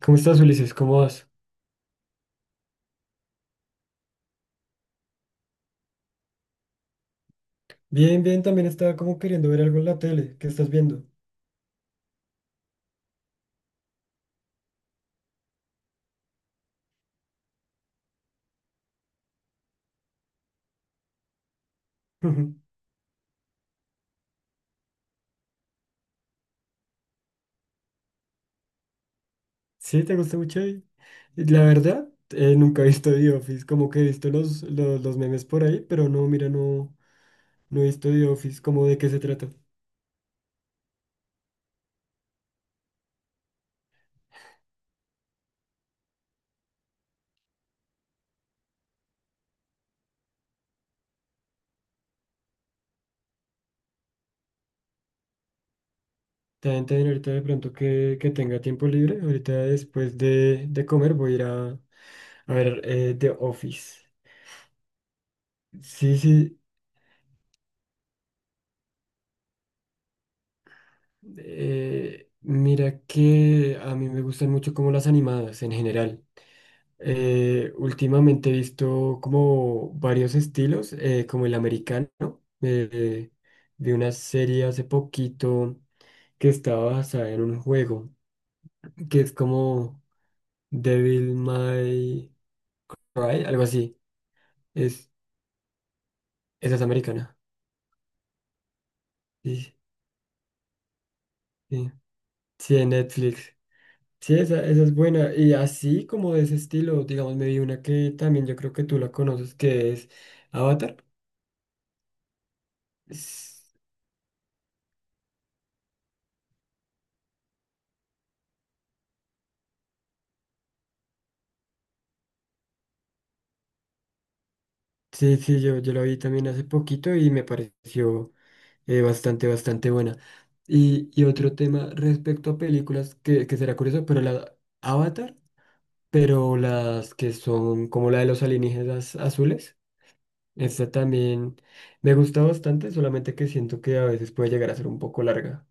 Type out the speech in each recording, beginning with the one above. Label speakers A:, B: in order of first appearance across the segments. A: ¿Cómo estás, Ulises? ¿Cómo vas? Bien, bien, también estaba como queriendo ver algo en la tele. ¿Qué estás viendo? Sí, ¿te gusta mucho ahí? Y la verdad, nunca he visto The Office, como que he visto los memes por ahí, pero no, mira, no, no he visto The Office. ¿Cómo de qué se trata? También, también ahorita de pronto que tenga tiempo libre, ahorita después de comer voy a ir a ver The Office. Sí, sí, mira que a mí me gustan mucho como las animadas en general. Últimamente he visto como varios estilos, como el americano. Eh, Vi una serie hace poquito que estaba basada en un juego, que es como Devil May Cry, algo así. Es, esa es americana. Sí, sí. Sí, en Netflix. Sí, esa es buena. Y así como de ese estilo, digamos, me vi una que también yo creo que tú la conoces, que es Avatar. Sí, sí, yo la vi también hace poquito y me pareció bastante, bastante buena. Y otro tema respecto a películas que será curioso, pero la Avatar, pero las que son como la de los alienígenas azules, esta también me gusta bastante, solamente que siento que a veces puede llegar a ser un poco larga.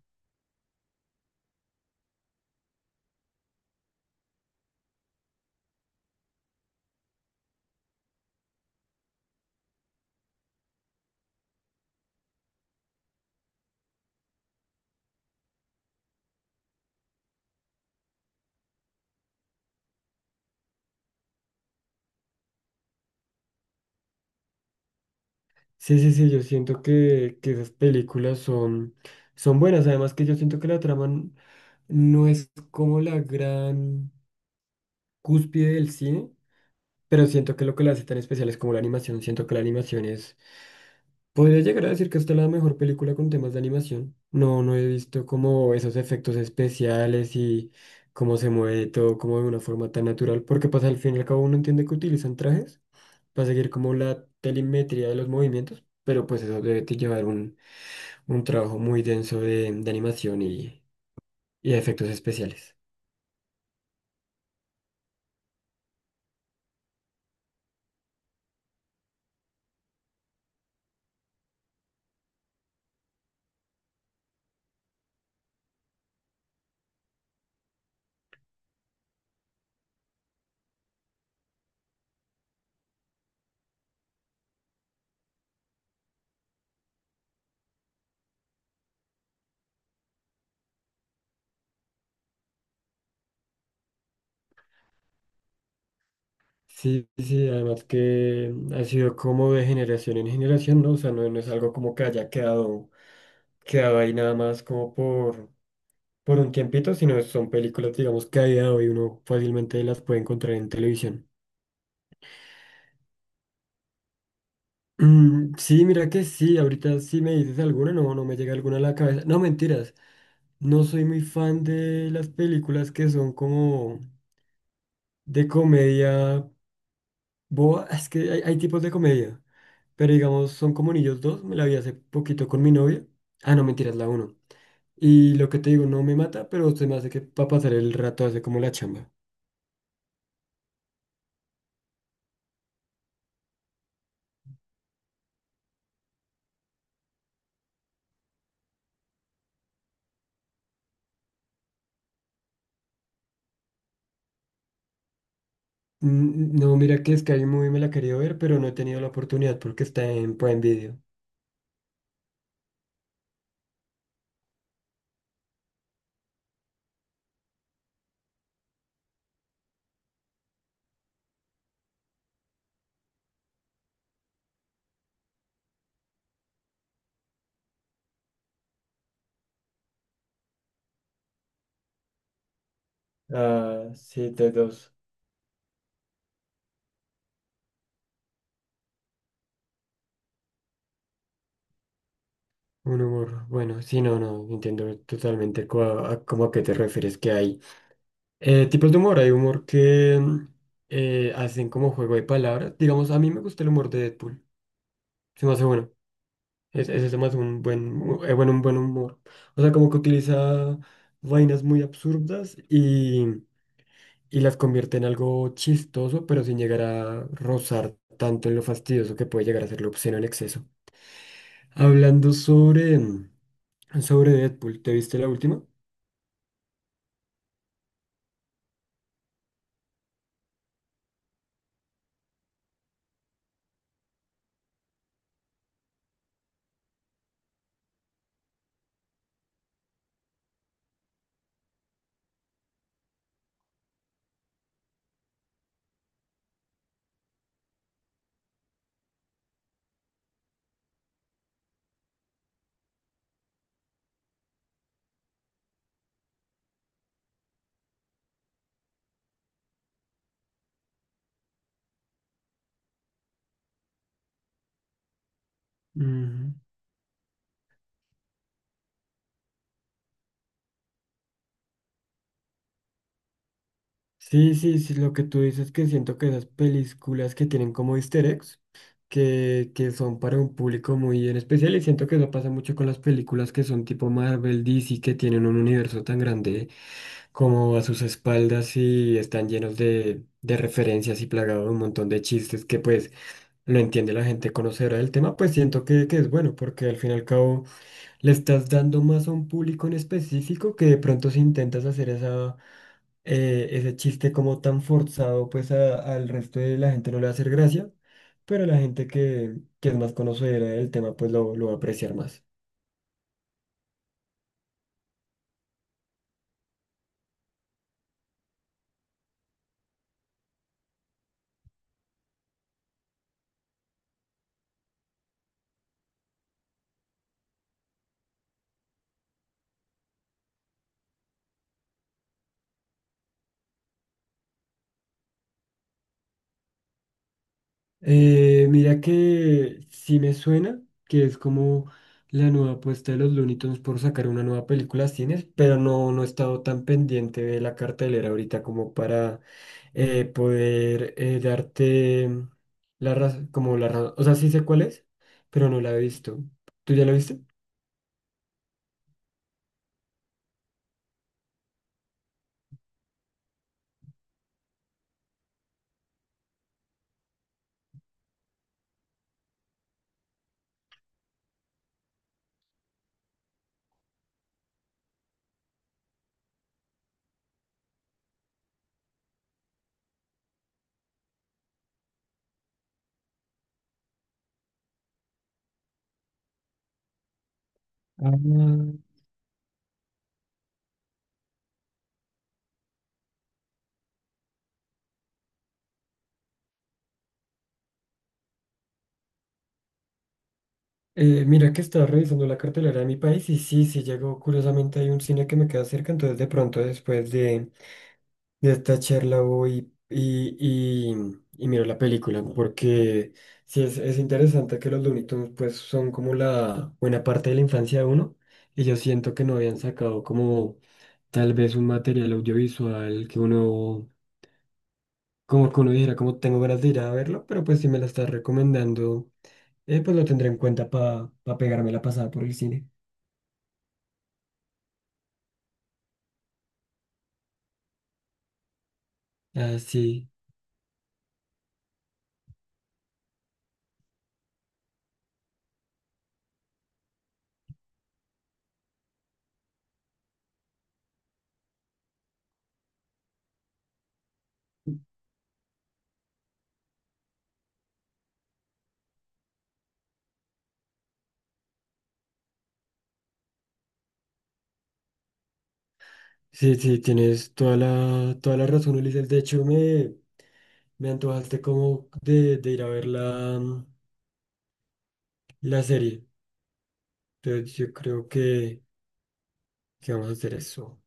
A: Sí, sí, sí, yo siento que esas películas son, son buenas, además que yo siento que la trama no es como la gran cúspide del cine. Pero siento que lo que la hace tan especial es como la animación. Siento que la animación es... Podría llegar a decir que esta es la mejor película con temas de animación. No, no he visto como esos efectos especiales y cómo se mueve todo como de una forma tan natural. Porque pasa al fin y al cabo uno entiende que utilizan trajes para seguir como la telemetría de los movimientos. Pero pues eso debe te llevar un trabajo muy denso de animación y efectos especiales. Sí, sí, además que ha sido como de generación en generación, ¿no? O sea, no, no es algo como que haya quedado, quedado ahí nada más como por un tiempito, sino son películas, digamos, que a día de hoy uno fácilmente las puede encontrar en televisión. Sí, mira que sí, ahorita sí me dices alguna, no, no me llega alguna a la cabeza. No, mentiras, no soy muy fan de las películas que son como de comedia. Boa, es que hay tipos de comedia, pero digamos, son como Niños dos, me la vi hace poquito con mi novia. Ah, no, mentiras, la uno. Y lo que te digo, no me mata, pero se me hace que para pasar el rato hace como la chamba. No, mira que Sky Movie me la quería ver, pero no he tenido la oportunidad porque está en Prime Video. Ah, sí, de dos. Un humor, bueno, sí, no, no, entiendo totalmente cómo a qué te refieres que hay tipos de humor, hay humor que hacen como juego de palabras. Digamos, a mí me gusta el humor de Deadpool. Se me hace bueno. Ese se me hace un buen, un buen humor. O sea, como que utiliza vainas muy absurdas y las convierte en algo chistoso, pero sin llegar a rozar tanto en lo fastidioso que puede llegar a ser lo obsceno en exceso. Hablando sobre Deadpool, ¿te viste la última? Ujú. Sí, sí, sí, lo que tú dices, que siento que esas películas que tienen como easter eggs, que son para un público muy en especial. Y siento que eso pasa mucho con las películas que son tipo Marvel, DC, que tienen un universo tan grande como a sus espaldas y están llenos de referencias y plagados de un montón de chistes que pues lo entiende la gente conocedora del tema. Pues siento que es bueno porque al fin y al cabo le estás dando más a un público en específico, que de pronto si intentas hacer ese chiste como tan forzado, pues al resto de la gente no le va a hacer gracia, pero la gente que es más conocedora del tema, pues lo va a apreciar más. Mira que sí me suena que es como la nueva apuesta de los Looney Tunes por sacar una nueva película a cines, pero no, no he estado tan pendiente de la cartelera ahorita como para poder darte la razón, como la razón, o sea, sí sé cuál es, pero no la he visto. ¿Tú ya la viste? Ah, mira que estaba revisando la cartelera de mi país y sí, sí llegó, curiosamente hay un cine que me queda cerca, entonces de pronto después de esta charla hoy y, y miro la película, ¿no? Porque sí es interesante que los Looney Tunes, pues son como la buena parte de la infancia de uno, y yo siento que no habían sacado como tal vez un material audiovisual que uno, como que uno dijera, como tengo ganas de ir a verlo, pero pues si me la estás recomendando, pues lo tendré en cuenta para pegarme la pasada por el cine. Ah, sí, sí, sí, tienes toda la razón, Ulises. De hecho, me... Me antojaste como de ir a ver la serie. Entonces yo creo que vamos a hacer eso.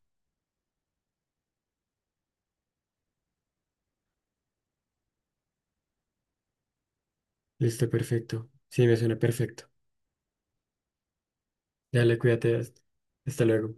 A: Listo, perfecto. Sí, me suena perfecto. Dale, cuídate. Hasta hasta luego.